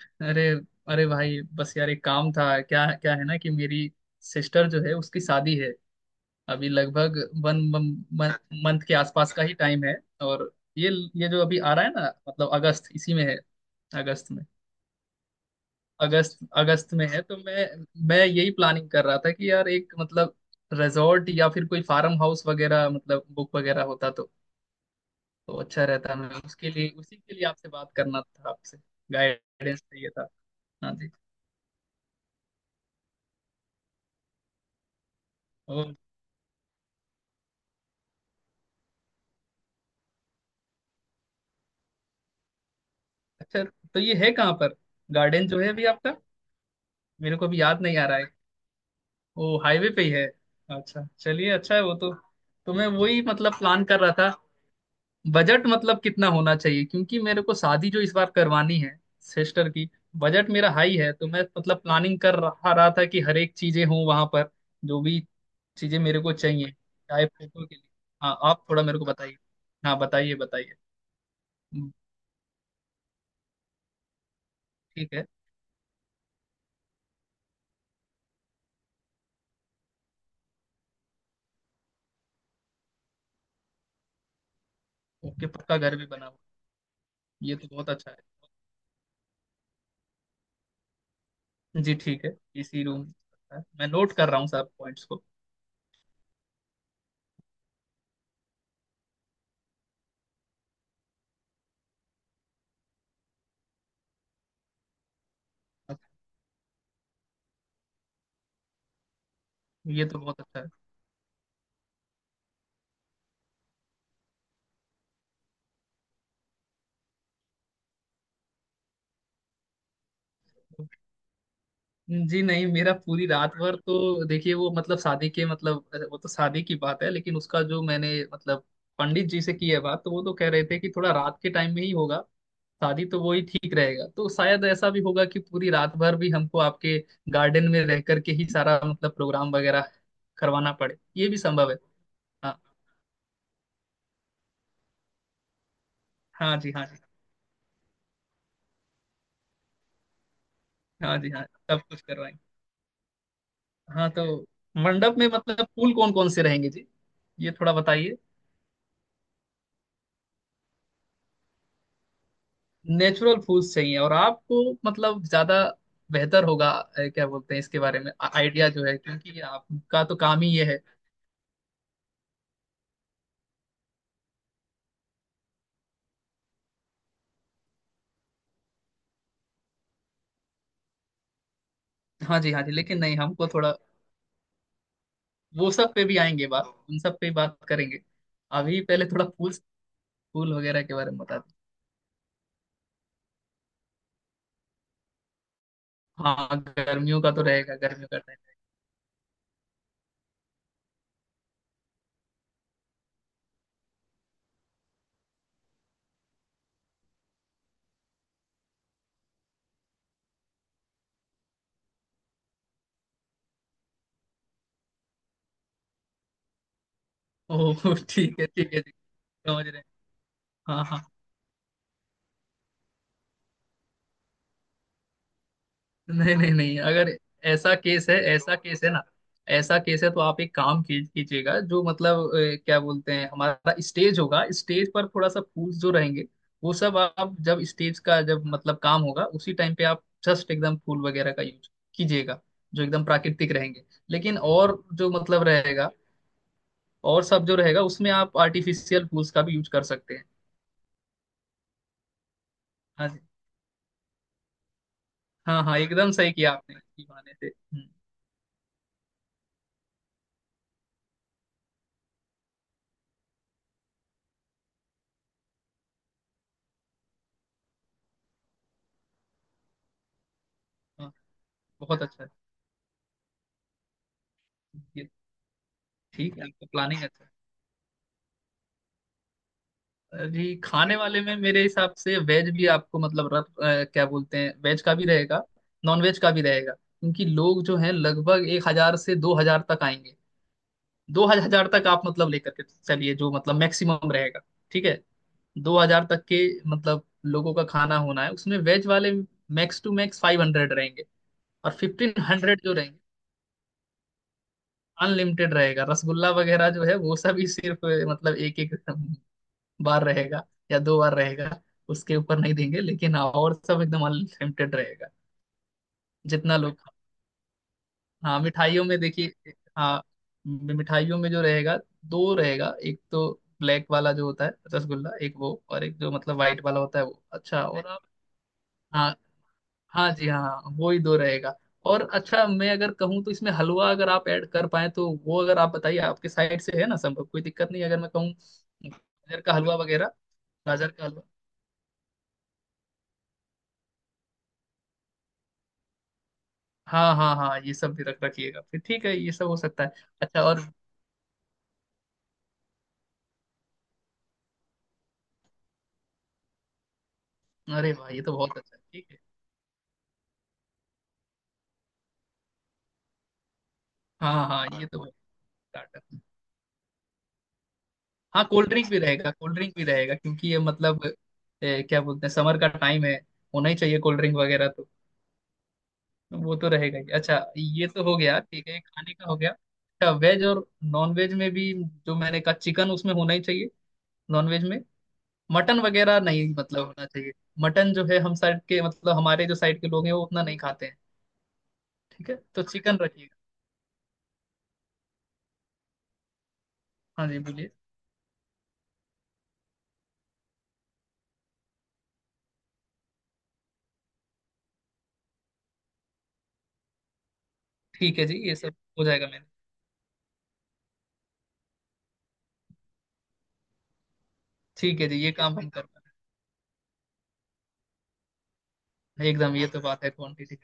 अरे, अरे भाई बस यार एक काम था क्या क्या है ना कि मेरी सिस्टर जो है उसकी शादी है। अभी लगभग 1 मंथ के आसपास का ही टाइम है। और ये ये जो अभी आ रहा है ना मतलब अगस्त, इसी में है, अगस्त में। अगस्त अगस्त में है तो मैं यही प्लानिंग कर रहा था कि यार एक मतलब रिजॉर्ट या फिर कोई फार्म हाउस वगैरह मतलब बुक वगैरह होता तो अच्छा रहता। मैं उसके लिए, उसी के लिए आपसे बात करना था, आपसे गाइडेंस चाहिए था। हाँ जी। अच्छा, तो ये है कहाँ पर गार्डन जो है अभी आपका? मेरे को अभी याद नहीं आ रहा है। वो हाईवे पे ही है? अच्छा, चलिए, अच्छा है वो तो। तो मैं वही मतलब प्लान कर रहा था। बजट मतलब कितना होना चाहिए, क्योंकि मेरे को शादी जो इस बार करवानी है सिस्टर की, बजट मेरा हाई है। तो मैं मतलब प्लानिंग कर रहा रहा था कि हर एक चीजें हों वहां पर, जो भी चीजें मेरे को चाहिए, चाहे फोटो के लिए। हाँ आप थोड़ा मेरे को बताइए। हाँ बताइए, बताइए। हम्म, ठीक है। ओके, पक्का घर भी बना हुआ। ये तो बहुत अच्छा है। जी ठीक है। इसी रूम में। मैं नोट कर रहा हूँ सब पॉइंट्स को। ये तो बहुत अच्छा है। जी नहीं, मेरा पूरी रात भर तो, देखिए वो मतलब शादी के मतलब, वो तो शादी की बात है, लेकिन उसका जो मैंने मतलब पंडित जी से की है बात तो वो तो कह रहे थे कि थोड़ा रात के टाइम में ही होगा शादी, तो वही ठीक रहेगा। तो शायद ऐसा भी होगा कि पूरी रात भर भी हमको आपके गार्डन में रह करके ही सारा मतलब प्रोग्राम वगैरह करवाना पड़े, ये भी संभव है। हाँ। हाँ जी हाँ जी, हाँ जी। हाँ, सब कुछ करवाएंगे। हाँ तो मंडप में मतलब फूल कौन कौन से रहेंगे जी, ये थोड़ा बताइए। नेचुरल फूल्स चाहिए, और आपको मतलब ज्यादा बेहतर होगा क्या बोलते हैं, इसके बारे में आइडिया जो है, क्योंकि आपका तो काम ही ये है। हाँ जी, हाँ जी, लेकिन नहीं हमको थोड़ा, वो सब पे भी आएंगे, बात उन सब पे ही बात करेंगे। अभी पहले थोड़ा फूल फूल वगैरह के बारे में बता दो। हाँ गर्मियों का तो रहेगा, गर्मियों का टाइम। ओह ठीक है, ठीक है जी, समझ रहे हैं। हाँ हाँ, नहीं नहीं नहीं, अगर ऐसा केस है, ऐसा केस है ना, ऐसा केस है, तो आप एक कीजिएगा जो मतलब क्या बोलते हैं, हमारा स्टेज होगा, स्टेज पर थोड़ा सा फूल जो रहेंगे वो सब आप जब स्टेज का जब मतलब काम होगा उसी टाइम पे आप जस्ट एकदम फूल वगैरह का यूज कीजिएगा, जो एकदम प्राकृतिक रहेंगे। लेकिन और जो मतलब रहेगा, और सब जो रहेगा उसमें आप आर्टिफिशियल फूल्स का भी यूज कर सकते हैं। हाँ जी, हाँ हाँ, एकदम सही किया आपने, इसी बहाने से। हाँ, बहुत अच्छा है। ठीक है आपका प्लानिंग। जी खाने वाले में मेरे हिसाब से वेज भी आपको मतलब रख, क्या बोलते हैं, वेज का भी रहेगा, नॉन वेज का भी रहेगा, क्योंकि लोग जो हैं लगभग 1,000 से 2,000 तक आएंगे। दो हजार तक आप मतलब लेकर के चलिए, जो मतलब मैक्सिमम रहेगा। ठीक है। 2,000 तक के मतलब लोगों का खाना होना है, उसमें वेज वाले मैक्स टू मैक्स 500 रहेंगे, और 1500 जो रहेंगे। अनलिमिटेड रहेगा। रसगुल्ला वगैरह जो है वो सब ही सिर्फ मतलब एक एक बार रहेगा या दो बार रहेगा, उसके ऊपर नहीं देंगे, लेकिन हाँ और सब एकदम अनलिमिटेड रहेगा, जितना लोग। हाँ मिठाइयों में देखिए। हाँ मिठाइयों में जो रहेगा, दो रहेगा। एक तो ब्लैक वाला जो होता है रसगुल्ला, एक वो, और एक जो मतलब व्हाइट वाला होता है वो। अच्छा, और आप, हाँ हाँ जी, हाँ हाँ, वो ही दो रहेगा। और अच्छा मैं अगर कहूँ तो इसमें हलवा अगर आप ऐड कर पाए तो, वो अगर आप बताइए, आपके साइड से है ना संभव, कोई दिक्कत नहीं अगर मैं कहूँ। गाजर का हलवा वगैरह, गाजर का हलवा। हाँ हाँ हाँ, ये सब भी रख रखिएगा फिर। ठीक है, ये सब हो सकता है। अच्छा और, अरे वाह, ये तो बहुत अच्छा है। ठीक है। हाँ हाँ, ये तो स्टार्टर। हाँ कोल्ड ड्रिंक भी रहेगा, कोल्ड ड्रिंक भी रहेगा, क्योंकि ये मतलब क्या बोलते हैं, समर का टाइम है, होना ही चाहिए कोल्ड ड्रिंक वगैरह तो। वो तो रहेगा ही। अच्छा, ये तो हो गया, ठीक है, खाने का हो गया। अच्छा, वेज और नॉन वेज में भी, जो मैंने कहा चिकन उसमें होना ही चाहिए, नॉन वेज में। मटन वगैरह नहीं मतलब होना चाहिए। मटन जो है हम साइड के, मतलब हमारे जो साइड के लोग हैं, वो उतना नहीं खाते हैं। ठीक है, तो चिकन रखिए। हाँ जी बोलिए। ठीक है जी, ये सब हो जाएगा मैंने। ठीक है जी, ये काम हम कर पाए। एकदम, ये तो बात है क्वांटिटी,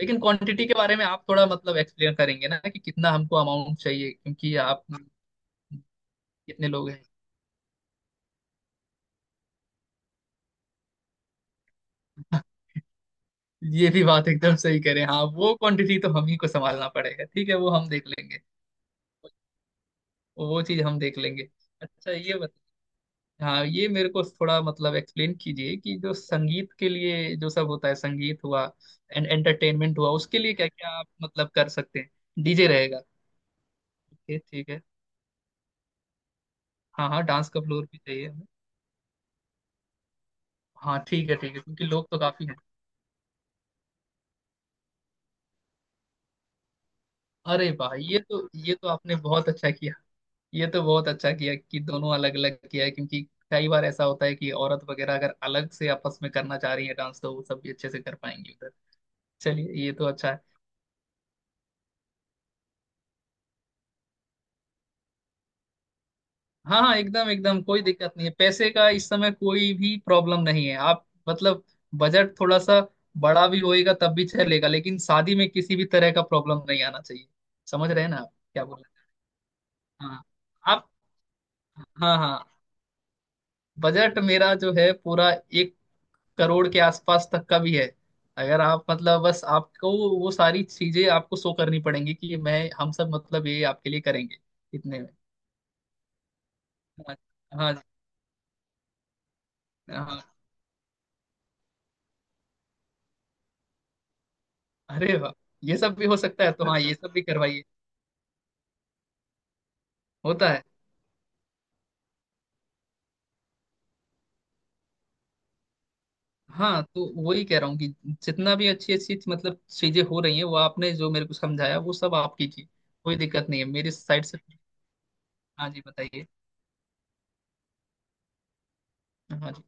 लेकिन क्वांटिटी के बारे में आप थोड़ा मतलब एक्सप्लेन करेंगे ना, कि कितना हमको अमाउंट चाहिए, क्योंकि आप, कितने लोग हैं। ये भी बात एकदम सही करें, हाँ वो क्वांटिटी तो हम ही को संभालना पड़ेगा, ठीक है वो हम देख लेंगे। वो चीज हम देख लेंगे। अच्छा ये, हाँ, ये मेरे को थोड़ा मतलब एक्सप्लेन कीजिए, कि जो संगीत के लिए जो सब होता है, संगीत हुआ, एंड एंटरटेनमेंट हुआ, उसके लिए क्या क्या आप मतलब कर सकते हैं, डीजे रहेगा? ओके ठीक है। हाँ हाँ, डांस का फ्लोर भी चाहिए हमें। हाँ ठीक है ठीक है, क्योंकि लोग तो काफी हैं। अरे वाह, ये तो, ये तो आपने बहुत अच्छा किया। ये तो बहुत अच्छा किया कि दोनों अलग अलग किया है, क्योंकि कई बार ऐसा होता है कि औरत वगैरह अगर अलग से आपस में करना चाह रही है डांस, तो वो सब भी अच्छे से कर पाएंगी उधर। चलिए, ये तो अच्छा है। हाँ हाँ, एकदम एकदम, कोई दिक्कत नहीं है पैसे का, इस समय कोई भी प्रॉब्लम नहीं है। आप मतलब बजट थोड़ा सा बड़ा भी होएगा तब भी चलेगा, लेकिन शादी में किसी भी तरह का प्रॉब्लम नहीं आना चाहिए। समझ रहे हैं ना आप क्या बोल रहे हैं। हाँ, आप। हाँ हाँ। बजट मेरा जो है पूरा 1 करोड़ के आसपास तक का भी है, अगर आप मतलब, बस आपको वो सारी चीजें आपको शो करनी पड़ेंगी कि मैं, हम सब मतलब ये आपके लिए करेंगे इतने में। हाँ, हाँ। हाँ, अरे वाह, ये सब भी हो सकता है तो, हाँ, ये सब भी करवाइए। होता है। हाँ तो वही कह रहा हूँ कि जितना भी अच्छी अच्छी मतलब चीजें हो रही हैं, वो आपने जो मेरे को समझाया, वो सब आप कीजिए। कोई दिक्कत नहीं है मेरी साइड से। हाँ जी बताइए। हाँ जी।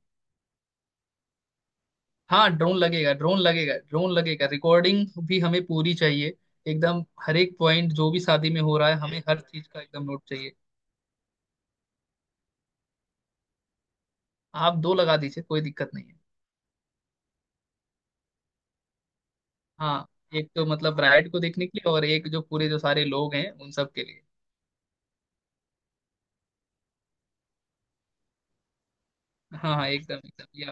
हाँ ड्रोन लगेगा, ड्रोन लगेगा, ड्रोन लगेगा, रिकॉर्डिंग भी हमें पूरी चाहिए। एकदम हर एक पॉइंट जो भी शादी में हो रहा है, हमें हर चीज का एकदम नोट चाहिए। आप दो लगा दीजिए, कोई दिक्कत नहीं है। हाँ, एक तो मतलब ब्राइड को देखने के लिए, और एक जो पूरे जो सारे लोग हैं उन सब के लिए। हाँ हाँ, एकदम एकदम ये,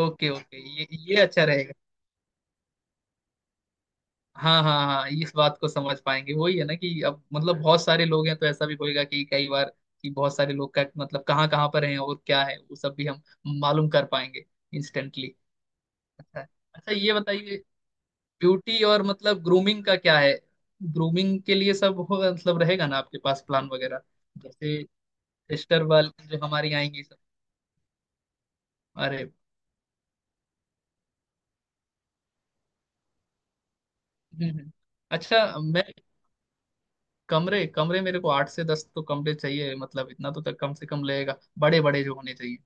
ओके ओके, ये अच्छा रहेगा। हाँ हाँ हाँ, इस बात को समझ पाएंगे, वही है ना कि अब मतलब बहुत सारे लोग हैं, तो ऐसा भी होएगा कि कई बार कि बहुत सारे लोग का मतलब कहाँ कहाँ पर हैं और क्या है, वो सब भी हम मालूम कर पाएंगे, इंस्टेंटली। अच्छा, अच्छा ये बताइए, ब्यूटी और मतलब ग्रूमिंग का क्या है, ग्रूमिंग के लिए सब हो मतलब रहेगा ना आपके पास प्लान वगैरह। जैसे सिस्टर वाल जो हमारी आएंगी सब। अरे, हम्म। अच्छा मैं कमरे, कमरे मेरे को 8 से 10 तो कमरे चाहिए, मतलब इतना तो तक कम से कम लगेगा, बड़े बड़े जो होने चाहिए।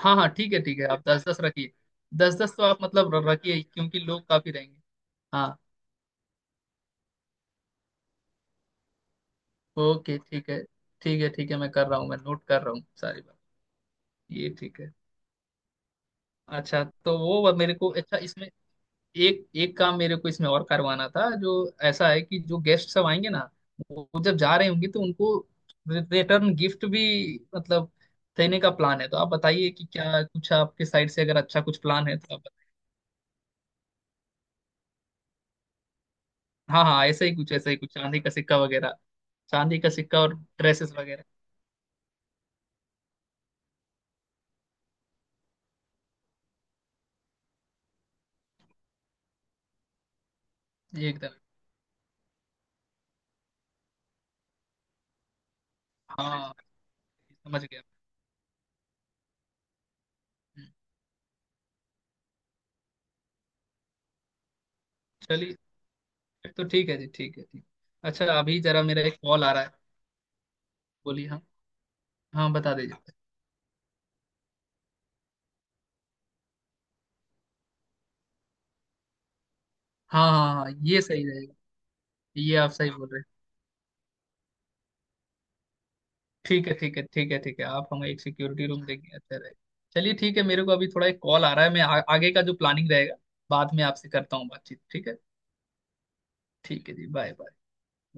हाँ हाँ ठीक है ठीक है, आप दस दस रखिए। दस दस तो आप मतलब रखिए, क्योंकि लोग काफी रहेंगे। हाँ। ओके ठीक है। ठीक है ठीक है, मैं कर रहा हूँ, मैं नोट कर रहा हूँ सारी बात। ये ठीक है। अच्छा तो वो मेरे को, अच्छा इसमें एक एक काम मेरे को इसमें और करवाना था, जो ऐसा है कि जो गेस्ट सब आएंगे ना, वो जब जा रहे होंगे तो उनको रिटर्न गिफ्ट भी मतलब देने का प्लान है। तो आप बताइए कि क्या कुछ आपके साइड से अगर अच्छा कुछ प्लान है तो आप बताइए। हाँ हाँ, ऐसा ही कुछ, ऐसा ही कुछ चांदी का सिक्का वगैरह। चांदी का सिक्का और ड्रेसेस वगैरह। ये एकदम, हाँ, समझ गया। हम्म, चलिए, फिर तो ठीक है जी, ठीक है, ठीक। अच्छा अभी जरा मेरा एक कॉल आ रहा है। बोलिए हाँ। हाँ बता दीजिए। हाँ हाँ हाँ, ये सही रहेगा। ये आप सही बोल रहे हैं। ठीक है ठीक है ठीक है ठीक है, आप हमें एक सिक्योरिटी रूम देंगे, अच्छा रहेगा। चलिए ठीक है, मेरे को अभी थोड़ा एक कॉल आ रहा है, मैं आगे का जो प्लानिंग रहेगा बाद में आपसे करता हूँ बातचीत, ठीक है? ठीक है जी, बाय बाय।